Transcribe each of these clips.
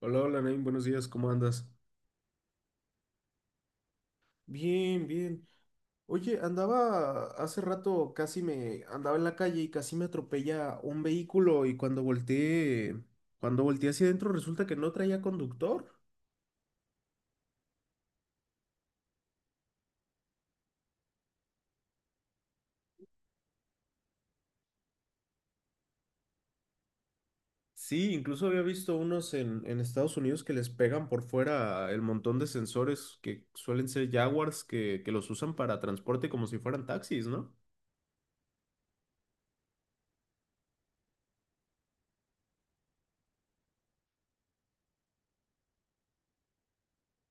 Hola, hola, Naim, buenos días, ¿cómo andas? Bien, bien. Oye, andaba hace rato, casi me andaba en la calle y casi me atropella un vehículo y cuando volteé hacia adentro resulta que no traía conductor. Sí, incluso había visto unos en Estados Unidos que les pegan por fuera el montón de sensores que suelen ser Jaguars que los usan para transporte como si fueran taxis, ¿no?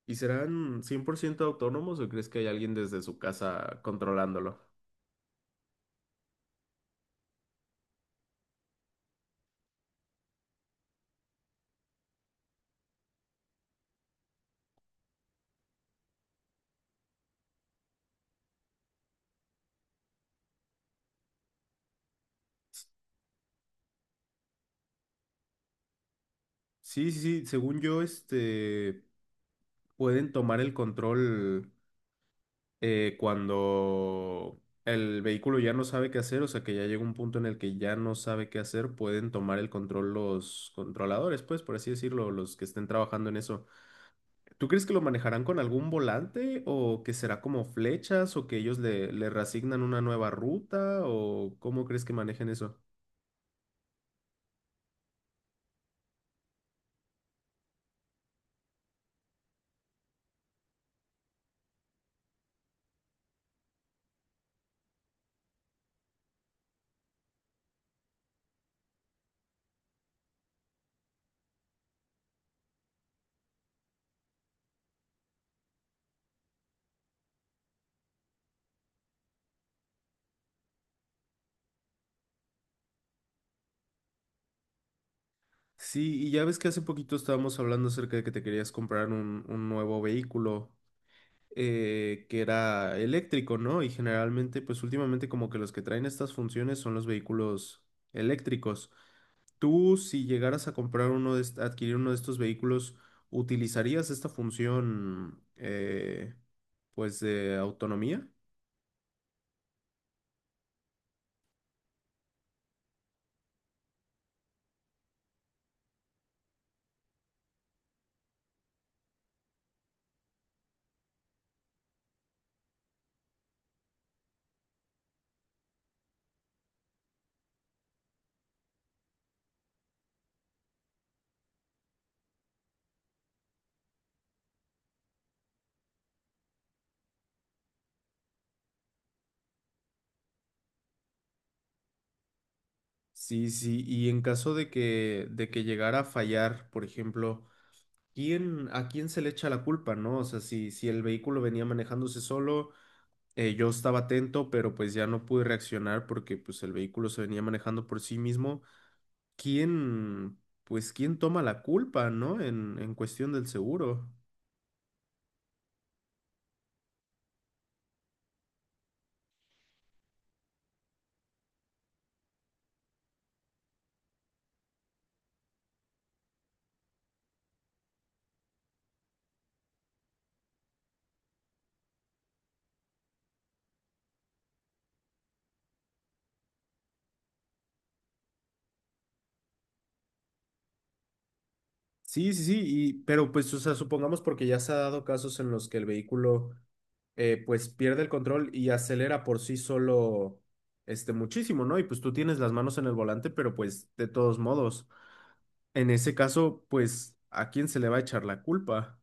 ¿Y serán 100% autónomos o crees que hay alguien desde su casa controlándolo? Sí, sí, sí, según yo, este, pueden tomar el control cuando el vehículo ya no sabe qué hacer, o sea que ya llega un punto en el que ya no sabe qué hacer, pueden tomar el control los controladores, pues, por así decirlo, los que estén trabajando en eso. ¿Tú crees que lo manejarán con algún volante o que será como flechas o que ellos le reasignan una nueva ruta o cómo crees que manejen eso? Sí, y ya ves que hace poquito estábamos hablando acerca de que te querías comprar un nuevo vehículo. Eh, que era eléctrico, ¿no? Y generalmente, pues últimamente como que los que traen estas funciones son los vehículos eléctricos. Tú, si llegaras a comprar adquirir uno de estos vehículos, ¿utilizarías esta función, pues, de autonomía? Sí, sí, y en caso de que llegara a fallar, por ejemplo, ¿quién, a quién se le echa la culpa, no? O sea, si el vehículo venía manejándose solo. Yo estaba atento, pero pues ya no pude reaccionar porque pues el vehículo se venía manejando por sí mismo. ¿Quién, pues quién toma la culpa, ¿no? En cuestión del seguro. Sí, sí, sí, y, pero pues, o sea, supongamos porque ya se ha dado casos en los que el vehículo pues pierde el control y acelera por sí solo este muchísimo, ¿no? Y pues tú tienes las manos en el volante, pero pues de todos modos, en ese caso, pues, ¿a quién se le va a echar la culpa?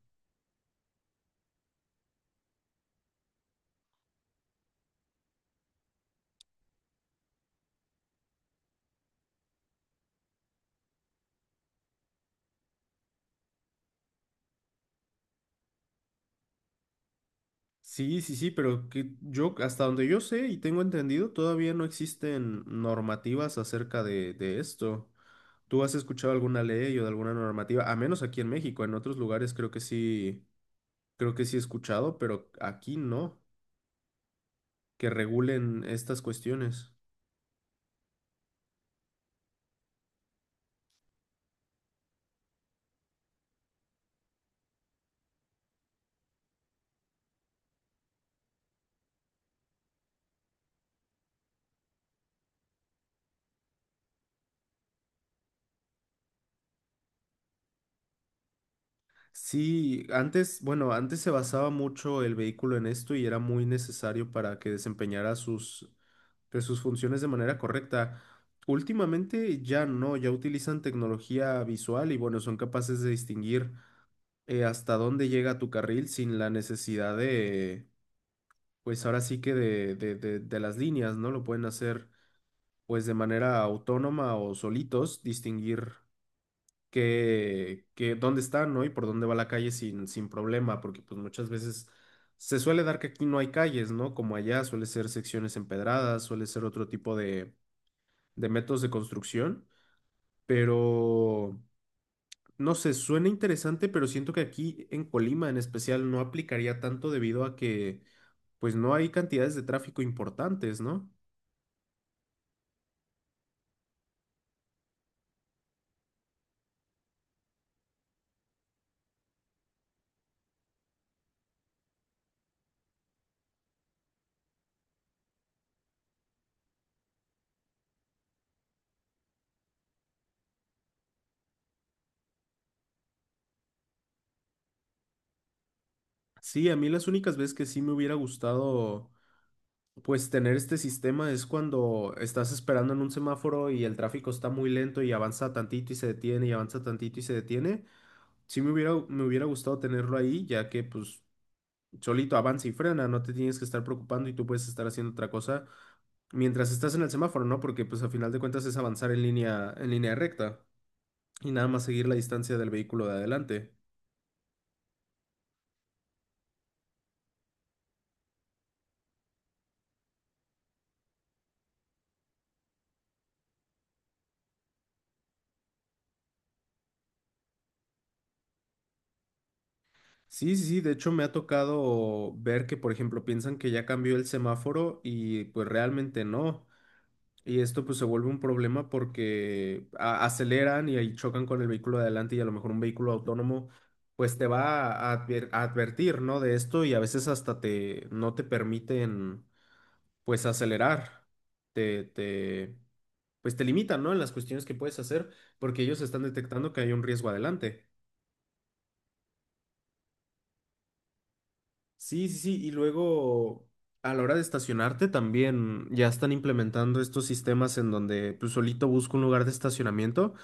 Sí, sí, sí, pero que yo, hasta donde yo sé y tengo entendido, todavía no existen normativas acerca de esto. ¿Tú has escuchado alguna ley o de alguna normativa? A menos aquí en México, en otros lugares creo que sí he escuchado, pero aquí no, que regulen estas cuestiones. Sí, antes, bueno, antes se basaba mucho el vehículo en esto y era muy necesario para que desempeñara sus, pues, sus funciones de manera correcta. Últimamente ya no, ya utilizan tecnología visual y bueno, son capaces de distinguir hasta dónde llega tu carril sin la necesidad de, pues ahora sí que de las líneas, ¿no? Lo pueden hacer pues de manera autónoma o solitos, distinguir que dónde están, ¿no? Y por dónde va la calle sin problema, porque pues muchas veces se suele dar que aquí no hay calles, ¿no? Como allá, suele ser secciones empedradas, suele ser otro tipo de métodos de construcción, pero no sé, suena interesante, pero siento que aquí en Colima en especial no aplicaría tanto debido a que pues no hay cantidades de tráfico importantes, ¿no? Sí, a mí las únicas veces que sí me hubiera gustado pues tener este sistema es cuando estás esperando en un semáforo y el tráfico está muy lento y avanza tantito y se detiene y avanza tantito y se detiene. Me hubiera gustado tenerlo ahí, ya que pues solito avanza y frena, no te tienes que estar preocupando y tú puedes estar haciendo otra cosa mientras estás en el semáforo, ¿no? Porque pues a final de cuentas es avanzar en línea recta y nada más seguir la distancia del vehículo de adelante. Sí, sí, sí, de hecho me ha tocado ver que, por ejemplo, piensan que ya cambió el semáforo y pues realmente no. Y esto pues se vuelve un problema porque aceleran y ahí chocan con el vehículo de adelante y a lo mejor un vehículo autónomo pues te va a, advertir, ¿no? De esto y a veces hasta te no te permiten pues acelerar. Te pues te limitan, ¿no? En las cuestiones que puedes hacer porque ellos están detectando que hay un riesgo adelante. Sí, sí, sí. Y luego a la hora de estacionarte también ya están implementando estos sistemas en donde pues solito busco un lugar de estacionamiento.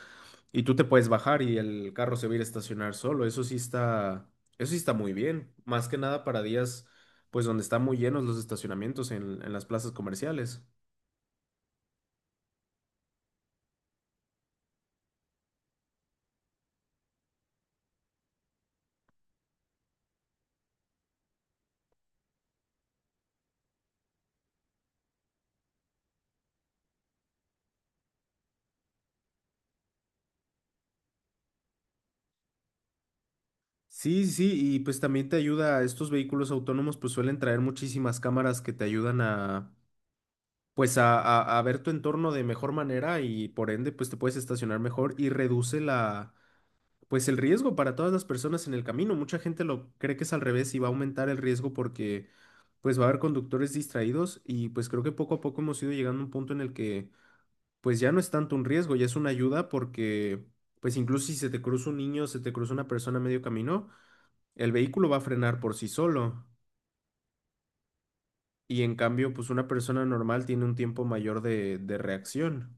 Y tú te puedes bajar y el carro se va a ir a estacionar solo. Eso sí está muy bien. Más que nada para días, pues donde están muy llenos los estacionamientos en las plazas comerciales. Sí, sí, y pues también te ayuda, estos vehículos autónomos pues suelen traer muchísimas cámaras que te ayudan a, pues a ver tu entorno de mejor manera y por ende pues te puedes estacionar mejor y reduce la pues el riesgo para todas las personas en el camino. Mucha gente lo cree que es al revés y va a aumentar el riesgo porque pues va a haber conductores distraídos y pues creo que poco a poco hemos ido llegando a un punto en el que pues ya no es tanto un riesgo, ya es una ayuda porque pues incluso si se te cruza un niño, se te cruza una persona a medio camino, el vehículo va a frenar por sí solo y en cambio pues una persona normal tiene un tiempo mayor de reacción.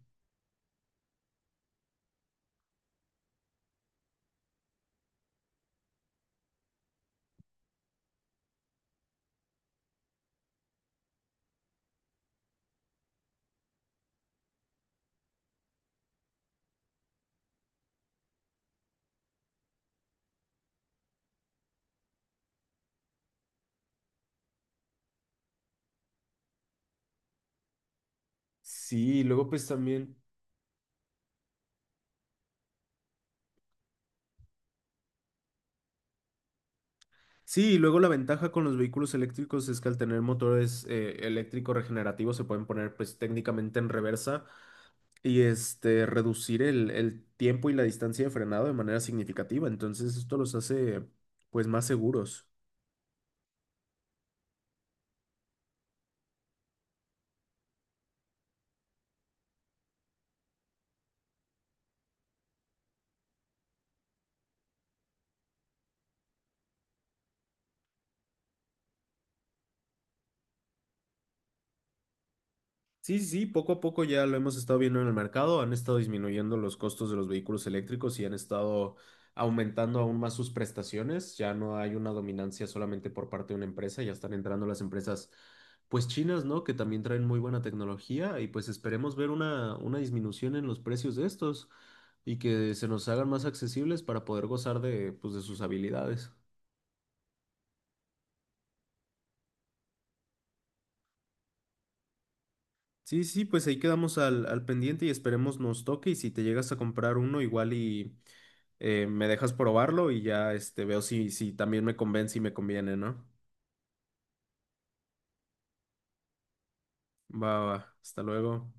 Sí, y luego pues también. Sí, y luego la ventaja con los vehículos eléctricos es que al tener motores eléctricos regenerativos se pueden poner pues técnicamente en reversa y este reducir el tiempo y la distancia de frenado de manera significativa. Entonces esto los hace pues más seguros. Sí, sí, sí, poco a poco ya lo hemos estado viendo en el mercado, han estado disminuyendo los costos de los vehículos eléctricos y han estado aumentando aún más sus prestaciones, ya no hay una dominancia solamente por parte de una empresa, ya están entrando las empresas pues chinas, ¿no? Que también traen muy buena tecnología y pues esperemos ver una disminución en los precios de estos y que se nos hagan más accesibles para poder gozar de pues de sus habilidades. Sí, sí, pues ahí quedamos al pendiente y esperemos nos toque. Y si te llegas a comprar uno, igual y me dejas probarlo y ya este, veo si también me convence y me conviene, ¿no? Va, va, hasta luego.